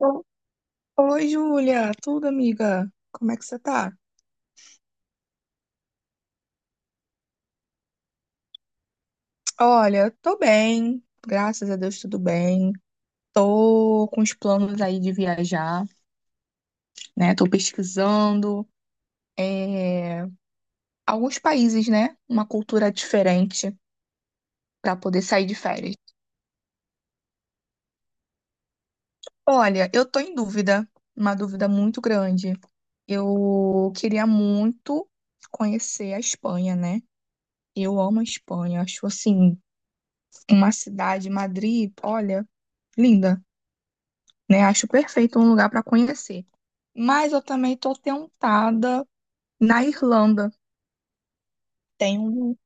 Oi, oi, Júlia, tudo, amiga? Como é que você tá? Olha, tô bem, graças a Deus, tudo bem. Tô com os planos aí de viajar, né? Tô pesquisando é, alguns países, né? Uma cultura diferente pra poder sair de férias. Olha, eu tô em dúvida, uma dúvida muito grande. Eu queria muito conhecer a Espanha, né? Eu amo a Espanha, acho assim, uma cidade, Madrid, olha, linda, né? Acho perfeito um lugar para conhecer. Mas eu também tô tentada na Irlanda. Tem um,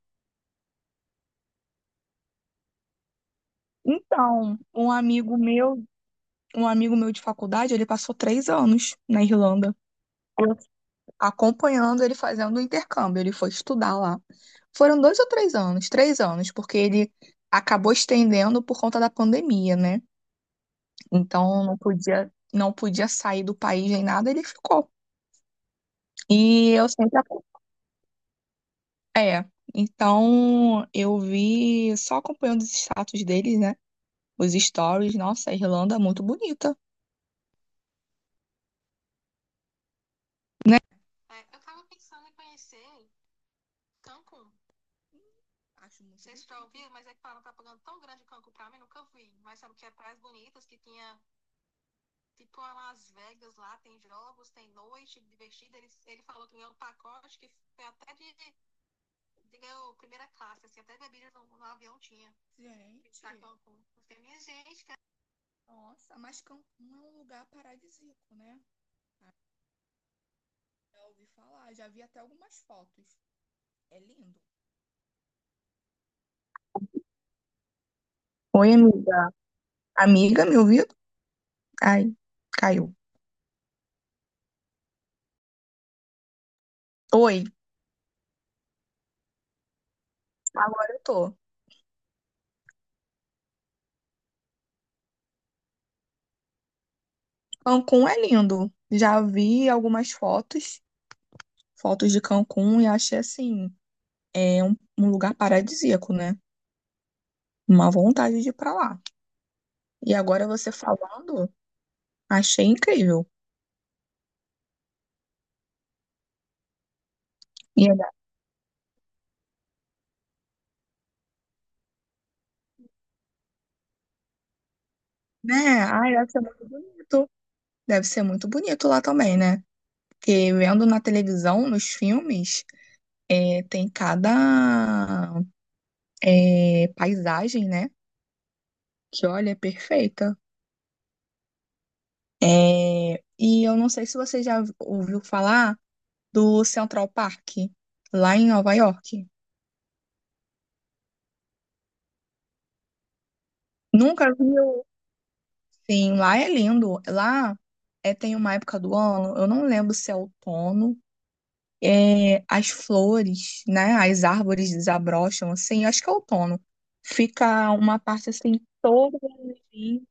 então, um amigo meu de faculdade, ele passou 3 anos na Irlanda, Eu- acompanhando ele fazendo o intercâmbio. Ele foi estudar lá. Foram 2 ou 3 anos, 3 anos, porque ele acabou estendendo por conta da pandemia, né? Então não podia sair do país nem nada, ele ficou. E eu sempre É, então eu vi só acompanhando os status deles, né? Os stories, nossa, a Irlanda é muito bonita, né? É, eu tava pensando em conhecer Cancún. Acho muito sei já ouviu, mas é que falam que tá pagando tão grande Cancún pra mim, nunca vi. Mas sabe que é praias bonitas que tinha pra gente, tá, Cancún. Porque minha gente, cara, nossa, mas Cancún é um lugar paradisíaco, né? Já ouvi falar, já vi até algumas fotos. É lindo. Oi, amiga. Amiga, me ouviu? Ai, caiu. Oi. Agora eu tô. Cancún é lindo. Já vi algumas fotos de Cancún, e achei assim, é um lugar paradisíaco, né? Uma vontade de ir pra lá. E agora você falando, achei incrível. E, ainda- né? Ai, deve ser muito bonito. Deve ser muito bonito lá também, né? Porque vendo na televisão, nos filmes, tem cada paisagem, né? Que olha, é perfeita. É, e eu não sei se você já ouviu falar do Central Park, lá em Nova York. Nunca viu? Sim, lá é lindo. Lá tem uma época do ano, eu não lembro se é outono, as flores, né? As árvores desabrocham, assim, acho que é outono. Fica uma parte assim toda em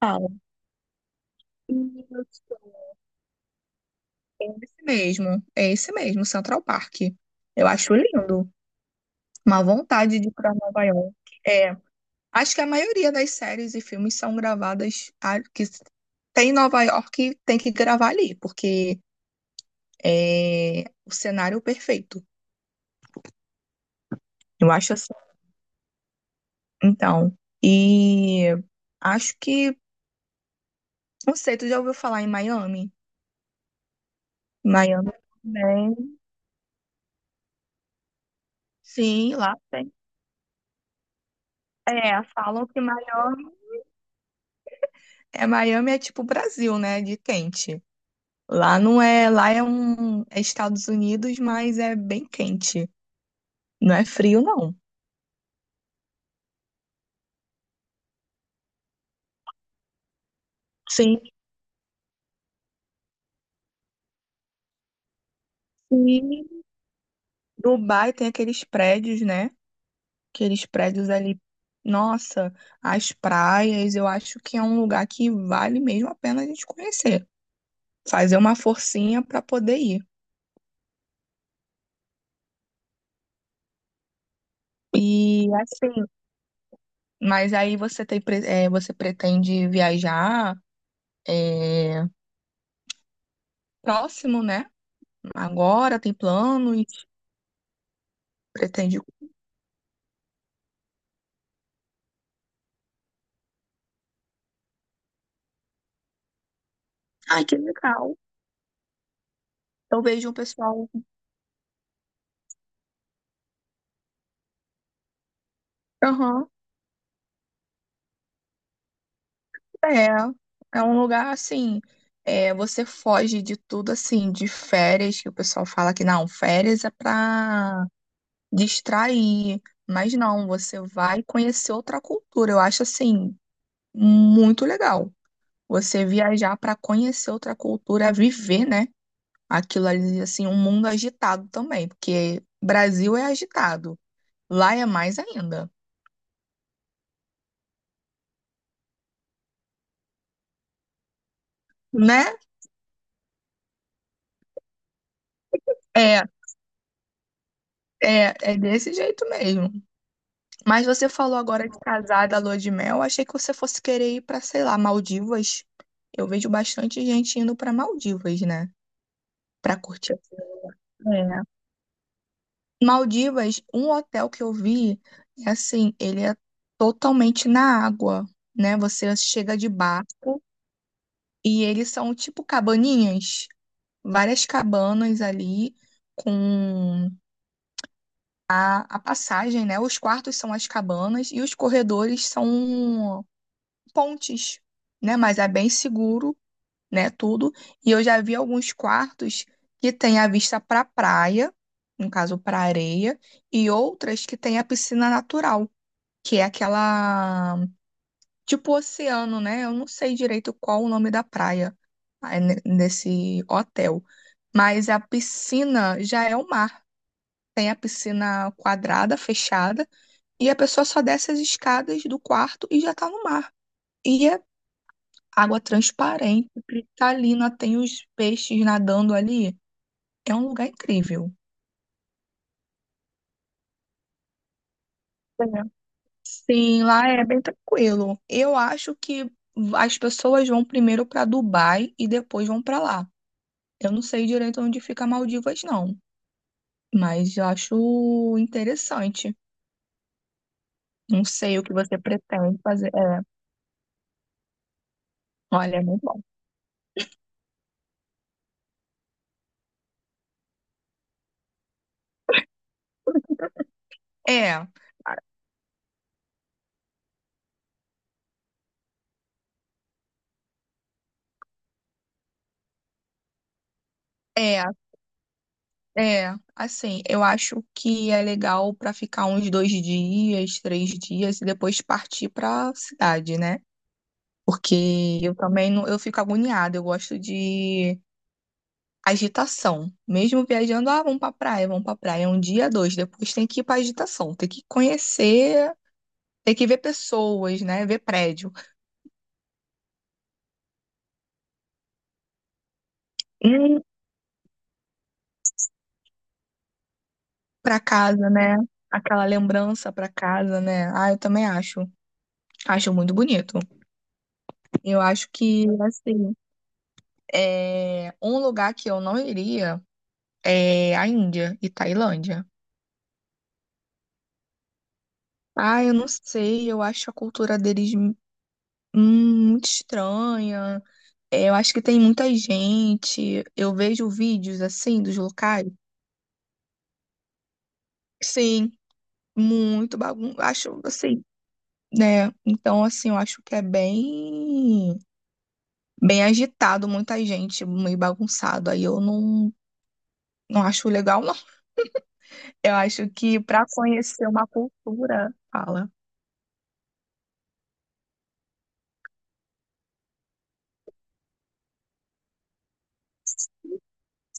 pau. É esse mesmo, é esse mesmo, Central Park. Eu acho lindo. Uma vontade de ir para Nova York. É, acho que a maioria das séries e filmes são gravadas que tem em Nova York, tem que gravar ali, porque é o cenário perfeito. Eu acho assim. Então, e acho que, não sei, tu já ouviu falar em Miami? Miami também. Sim, lá tem. É, falam que Miami é tipo Brasil, né, de quente. Lá não é, lá é Estados Unidos, mas é bem quente. Não é frio, não. Sim, sim. Dubai tem aqueles prédios, né? Aqueles prédios ali. Nossa, as praias, eu acho que é um lugar que vale mesmo a pena a gente conhecer. Fazer uma forcinha para poder ir. E assim, mas aí você pretende viajar é, próximo, né? Agora tem planos, pretende. Ai, que legal. Eu vejo um pessoal. Aham. É, é um lugar assim, você foge de tudo assim, de férias, que o pessoal fala que não, férias é pra distrair, mas não, você vai conhecer outra cultura. Eu acho assim, muito legal. Você viajar pra conhecer outra cultura, viver, né? Aquilo ali, assim, um mundo agitado também, porque Brasil é agitado, lá é mais ainda, né? É, é, é desse jeito mesmo. Mas você falou agora de casar da lua de mel. Achei que você fosse querer ir pra, sei lá, Maldivas. Eu vejo bastante gente indo pra Maldivas, né? Pra curtir. É. Maldivas, um hotel que eu vi, é assim, ele é totalmente na água, né? Você chega de barco e eles são tipo cabaninhas, várias cabanas ali com a passagem, né? Os quartos são as cabanas e os corredores são pontes, né? Mas é bem seguro, né? Tudo. E eu já vi alguns quartos que tem a vista para praia, no caso para areia, e outras que tem a piscina natural, que é aquela tipo oceano, né? Eu não sei direito qual o nome da praia aí nesse hotel, mas a piscina já é o mar. Tem a piscina quadrada, fechada, e a pessoa só desce as escadas do quarto e já tá no mar. E é água transparente, cristalina, tem os peixes nadando ali. É um lugar incrível. É. Sim, lá é bem tranquilo. Eu acho que as pessoas vão primeiro para Dubai e depois vão para lá. Eu não sei direito onde fica Maldivas, não, mas eu acho interessante. Não sei o que você pretende fazer. É, olha, é muito bom. É, é. É, assim, eu acho que é legal para ficar uns 2 dias, 3 dias e depois partir para cidade, né? Porque eu também não, eu fico agoniada, eu gosto de agitação. Mesmo viajando, ah, vamos pra praia, um dia, dois, depois tem que ir pra agitação, tem que conhecer, tem que ver pessoas, né? Ver prédio. Hum, pra casa, né? Aquela lembrança pra casa, né? Ah, eu também acho. Acho muito bonito. Eu acho que, assim, um lugar que eu não iria é a Índia e Tailândia. Ah, eu não sei, eu acho a cultura deles muito estranha. É, eu acho que tem muita gente. Eu vejo vídeos assim dos locais. Sim, acho assim, né? Então, assim, eu acho que é bem, bem agitado, muita gente, meio bagunçado. Aí eu não, não acho legal, não. Eu acho que para conhecer uma cultura, fala.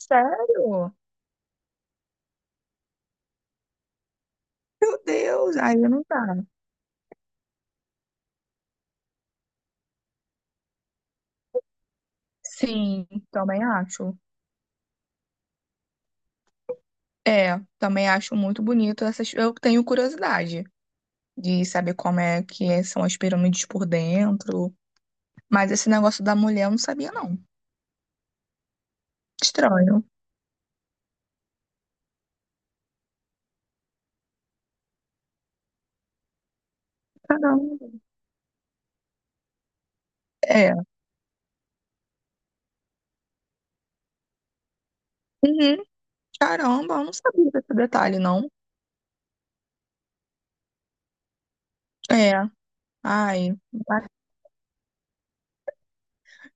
Sério? Meu Deus, aí não dá. Sim, também acho. É, também acho muito bonito essas. Eu tenho curiosidade de saber como é que são as pirâmides por dentro. Mas esse negócio da mulher eu não sabia, não. Estranho. Caramba. É. Uhum. Caramba, eu não sabia desse detalhe, não. É. Ai,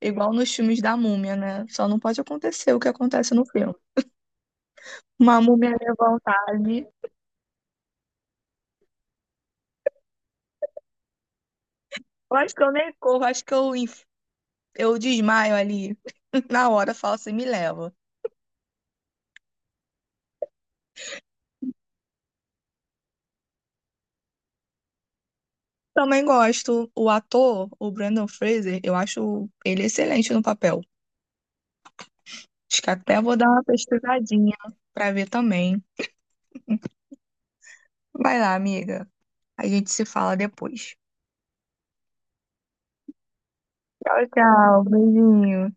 igual nos filmes da múmia, né? Só não pode acontecer o que acontece no filme. Uma múmia levantar ali. Eu acho que eu nem corro, acho que eu desmaio ali na hora, falo assim, me leva. Também gosto. O ator, o Brandon Fraser, eu acho ele excelente no papel. Acho que até vou dar uma pesquisadinha pra ver também. Vai lá, amiga. A gente se fala depois. Tchau, tchau. Beijinho.